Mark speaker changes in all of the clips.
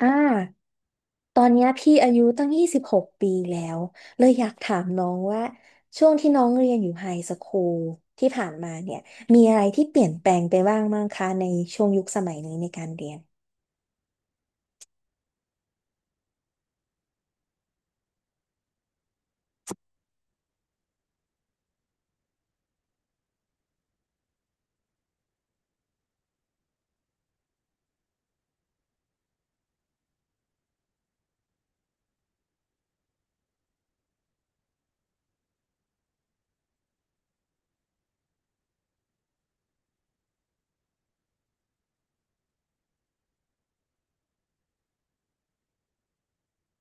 Speaker 1: อ่า ตอนเนี้ยพี่อายุตั้ง26ปีแล้วเลยอยากถามน้องว่าช่วงที่น้องเรียนอยู่ไฮสคูลที่ผ่านมาเนี่ยมีอะไรที่เปลี่ยนแปลงไปบ้างมั้งคะในช่วงยุคสมัยนี้ในการเรียน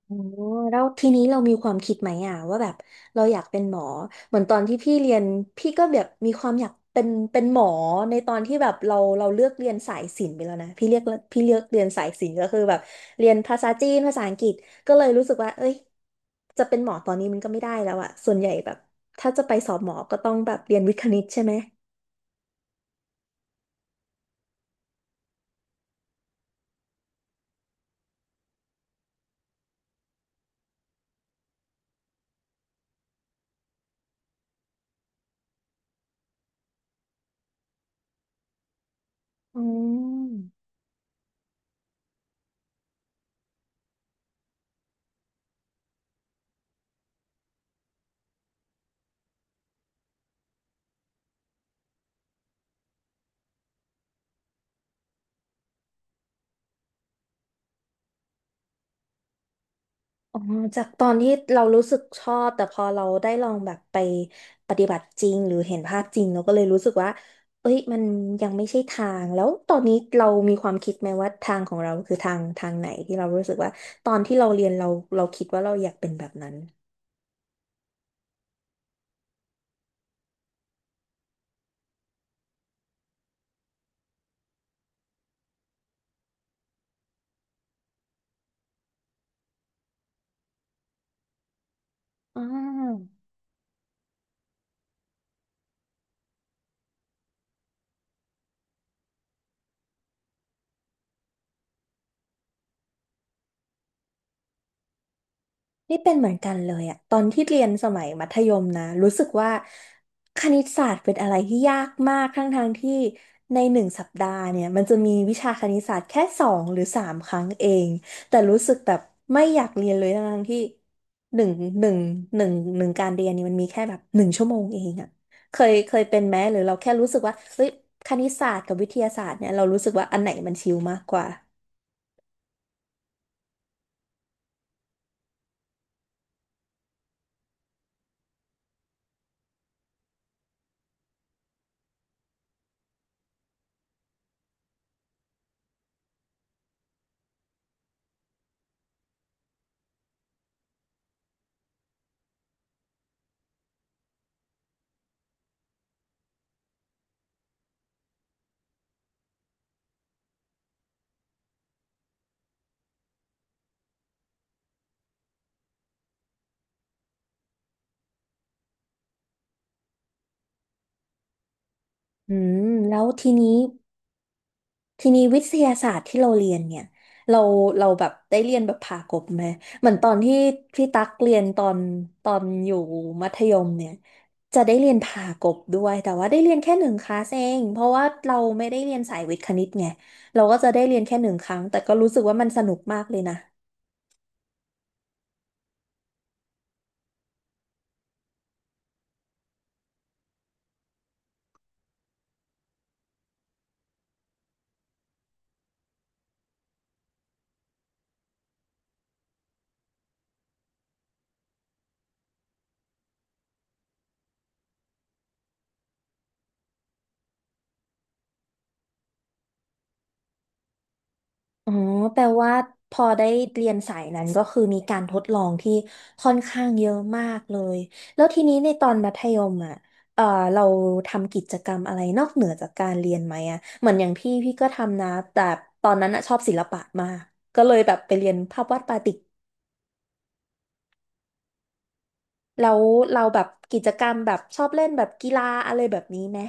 Speaker 1: อ๋อแล้วทีนี้เรามีความคิดไหมอ่ะว่าแบบเราอยากเป็นหมอเหมือนตอนที่พี่เรียนพี่ก็แบบมีความอยากเป็นหมอในตอนที่แบบเราเลือกเรียนสายศิลป์ไปแล้วนะพี่เรียกพี่เลือกเรียนสายศิลป์ก็คือแบบเรียนภาษาจีนภาษาอังกฤษก็เลยรู้สึกว่าเอ้ยจะเป็นหมอตอนนี้มันก็ไม่ได้แล้วอ่ะส่วนใหญ่แบบถ้าจะไปสอบหมอก็ต้องแบบเรียนวิทย์คณิตใช่ไหมอืม อ๋อจากตอนที่เรารู้สึกชอบแต่พอเราได้ลองแบบไปปฏิบัติจริงหรือเห็นภาพจริงเราก็เลยรู้สึกว่าเอ้ยมันยังไม่ใช่ทางแล้วตอนนี้เรามีความคิดไหมว่าทางของเราคือทางไหนที่เรารู้สึกว่าตอนที่เราเรียนเราคิดว่าเราอยากเป็นแบบนั้นอ่า นี่เป็นเหมือนกันเลยอะตอนที่เรียนสมัยมัธยมนะรู้สึกว่าคณิตศาสตร์เป็นอะไรที่ยากมากทั้งทางที่ในหนึ่งสัปดาห์เนี่ยมันจะมีวิชาคณิตศาสตร์แค่2 หรือ 3ครั้งเองแต่รู้สึกแบบไม่อยากเรียนเลยทั้งทที่หนึ่งหนึ่งหนึ่งหนึ่งการเรียนเนี่ยมันมีแค่แบบหนึ่งชั่วโมงเองอะเคยเป็นไหมหรือเราแค่รู้สึกว่าเฮ้ยคณิตศาสตร์กับวิทยาศาสตร์เนี่ยเรารู้สึกว่าอันไหนมันชิลมากกว่าอืมแล้วทีนี้วิทยาศาสตร์ที่เราเรียนเนี่ยเราเราแบบได้เรียนแบบผ่ากบไหมเหมือนตอนที่พี่ตั๊กเรียนตอนอยู่มัธยมเนี่ยจะได้เรียนผ่ากบด้วยแต่ว่าได้เรียนแค่หนึ่งคลาสเองเพราะว่าเราไม่ได้เรียนสายวิทย์คณิตไงเราก็จะได้เรียนแค่หนึ่งครั้งแต่ก็รู้สึกว่ามันสนุกมากเลยนะ อ๋อแปลว่าพอได้เรียนสายนั้นก็คือมีการทดลองที่ค่อนข้างเยอะมากเลยแล้วทีนี้ในตอนมัธยมอ่ะเออเราทำกิจกรรมอะไรนอกเหนือจากการเรียนไหมอ่ะเหมือนอย่างพี่ก็ทำนะแต่ตอนนั้นอ่ะชอบศิลปะมากก็เลยแบบไปเรียนภาพวาดปาติกแล้วเราแบบกิจกรรมแบบชอบเล่นแบบกีฬาอะไรแบบนี้ไหม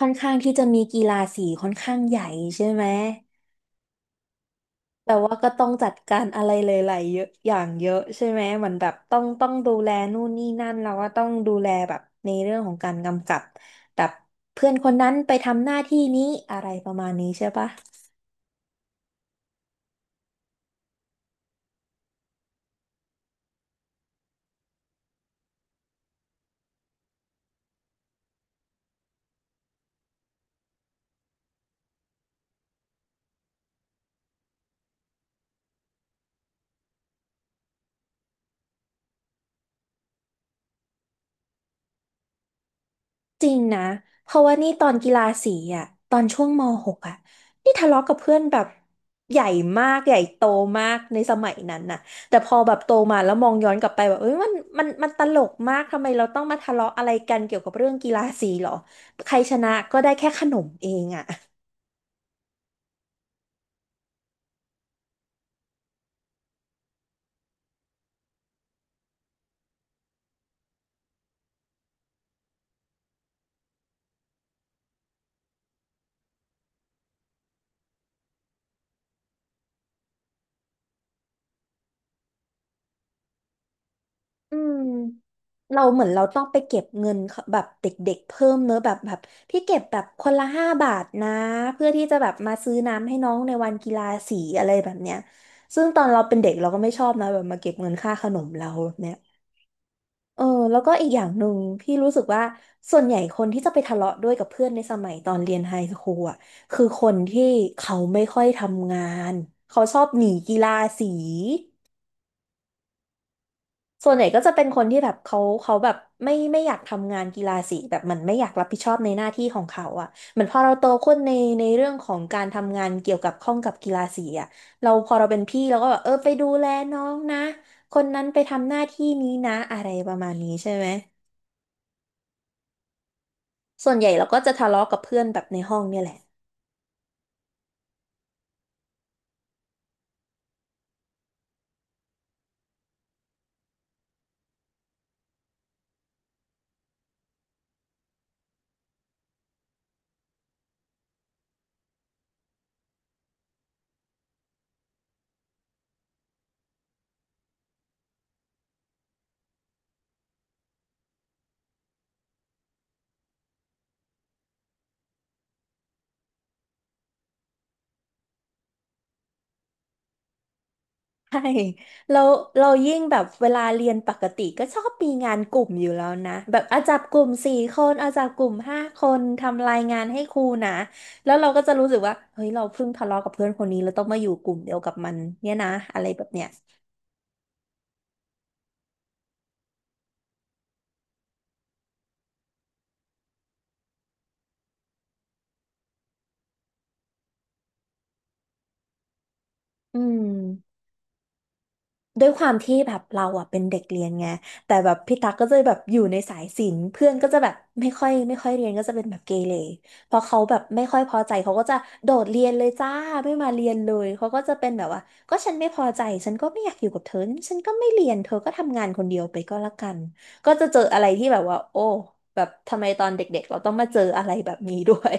Speaker 1: ค่อนข้างที่จะมีกีฬาสีค่อนข้างใหญ่ใช่ไหม แต่ว่าก็ต้องจัดการอะไรหลายๆเยอะอย่างเยอะใช่ไหมเหมือนแบบต้องดูแลนู่นนี่นั่นแล้วก็ต้องดูแลแบบในเรื่องของการกำกับแบบเพื่อนคนนั้นไปทำหน้าที่นี้อะไรประมาณนี้ใช่ปะ จริงนะเพราะว่านี่ตอนกีฬาสีอ่ะตอนช่วงม .6 อ่ะนี่ทะเลาะกับเพื่อนแบบใหญ่มากใหญ่โตมากในสมัยนั้นน่ะแต่พอแบบโตมาแล้วมองย้อนกลับไปแบบเอ้ยมันตลกมากทำไมเราต้องมาทะเลาะอะไรกันเกี่ยวกับเรื่องกีฬาสีหรอใครชนะก็ได้แค่ขนมเองอ่ะ อืมเราเหมือนเราต้องไปเก็บเงินเขาแบบเด็กๆเพิ่มเนอะแบบพี่เก็บแบบคนละ5บาทนะเพื่อที่จะแบบมาซื้อน้ำให้น้องในวันกีฬาสีอะไรแบบเนี้ยซึ่งตอนเราเป็นเด็กเราก็ไม่ชอบนะแบบมาเก็บเงินค่าขนมเราแบบเนี้ยเออแล้วก็อีกอย่างหนึ่งพี่รู้สึกว่าส่วนใหญ่คนที่จะไปทะเลาะด้วยกับเพื่อนในสมัยตอนเรียนไฮสคูลอ่ะคือคนที่เขาไม่ค่อยทำงานเขาชอบหนีกีฬาสี ส่วนใหญ่ก็จะเป็นคนที่แบบเขาแบบไม่อยากทำงานกีฬาสีแบบมันไม่อยากรับผิดชอบในหน้าที่ของเขาอ่ะเหมือนพอเราโตขึ้นในเรื่องของการทำงานเกี่ยวกับข้องกับกีฬาสีอ่ะเราพอเราเป็นพี่เราก็แบบเออไปดูแลน้องนะคนนั้นไปทำหน้าที่นี้นะอะไรประมาณนี้ใช่ไหมส่วนใหญ่เราก็จะทะเลาะกับเพื่อนแบบในห้องเนี่ยแหละ ใช่เราเรายิ่งแบบเวลาเรียนปกติก็ชอบมีงานกลุ่มอยู่แล้วนะแบบอาจับกลุ่มสี่คนอาจับกลุ่มห้าคนทำรายงานให้ครูนะแล้วเราก็จะรู้สึกว่าเฮ้ยเราเพิ่งทะเลาะกับเพื่อนคนนี้เราต้องมาอยู่กลุ่มเดียวกับมันเนี่ยนะอะไรแบบเนี้ยอืม ด้วยความที่แบบเราอ่ะเป็นเด็กเรียนไงแต่แบบพี่ตั๊กก็จะแบบอยู่ในสายศิลป์เพื่อนก็จะแบบไม่ค่อยเรียนก็จะเป็นแบบเกเรพอเขาแบบไม่ค่อยพอใจเขาก็จะโดดเรียนเลยจ้าไม่มาเรียนเลยเขาก็จะเป็นแบบว่าก็ฉันไม่พอใจฉันก็ไม่อยากอยู่กับเธอฉันก็ไม่เรียนเธอก็ทำงานคนเดียวไปก็แล้วกันก็จะเจออะไรที่แบบว่าโอ้แบบทำไมตอนเด็กๆเราต้องมาเจออะไรแบบนี้ด้วย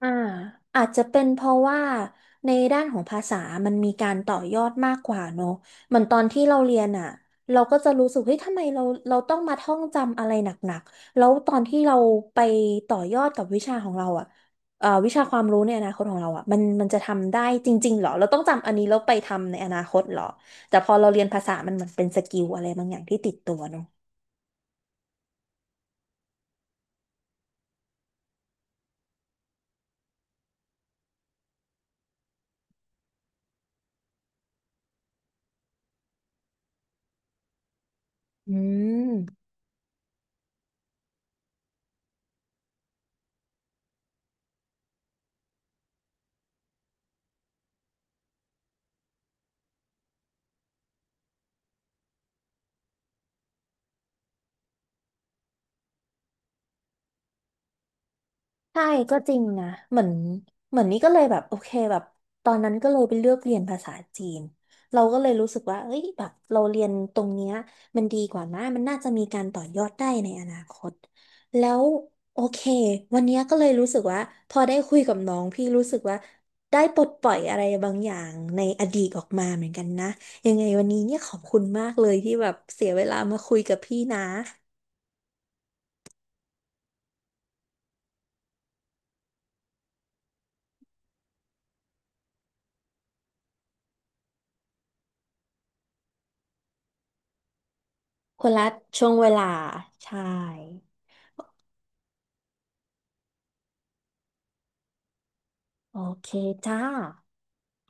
Speaker 1: อ่าอาจจะเป็นเพราะว่าในด้านของภาษามันมีการต่อยอดมากกว่าเนอะเหมือนตอนที่เราเรียนอ่ะเราก็จะรู้สึกเฮ้ยทำไมเราต้องมาท่องจำอะไรหนักๆ แล้วตอนที่เราไปต่อยอดกับวิชาของเราอ่ะวิชาความรู้ในอนาคตของเราอ่ะมันจะทำได้จริงๆเหรอเราต้องจำอันนี้แล้วไปทำในอนาคตเหรอแต่พอเราเรียนภาษามันเหมือนเป็นสกิลอะไรบางอย่างที่ติดตัวเนอะอืม ใช่ก็จริงนะเหมือนเหมือนนี่ก็เลยแบบโอเคแบบตอนนั้นก็เลยไปเลือกเรียนภาษาจีนเราก็เลยรู้สึกว่าเอ้ยแบบเราเรียนตรงเนี้ยมันดีกว่านะมันน่าจะมีการต่อยอดได้ในอนาคตแล้วโอเควันเนี้ยก็เลยรู้สึกว่าพอได้คุยกับน้องพี่รู้สึกว่าได้ปลดปล่อยอะไรบางอย่างในอดีตออกมาเหมือนกันนะยังไงวันนี้เนี่ยขอบคุณมากเลยที่แบบเสียเวลามาคุยกับพี่นะคนละช่วงเวลาใช่ โอเคจ้า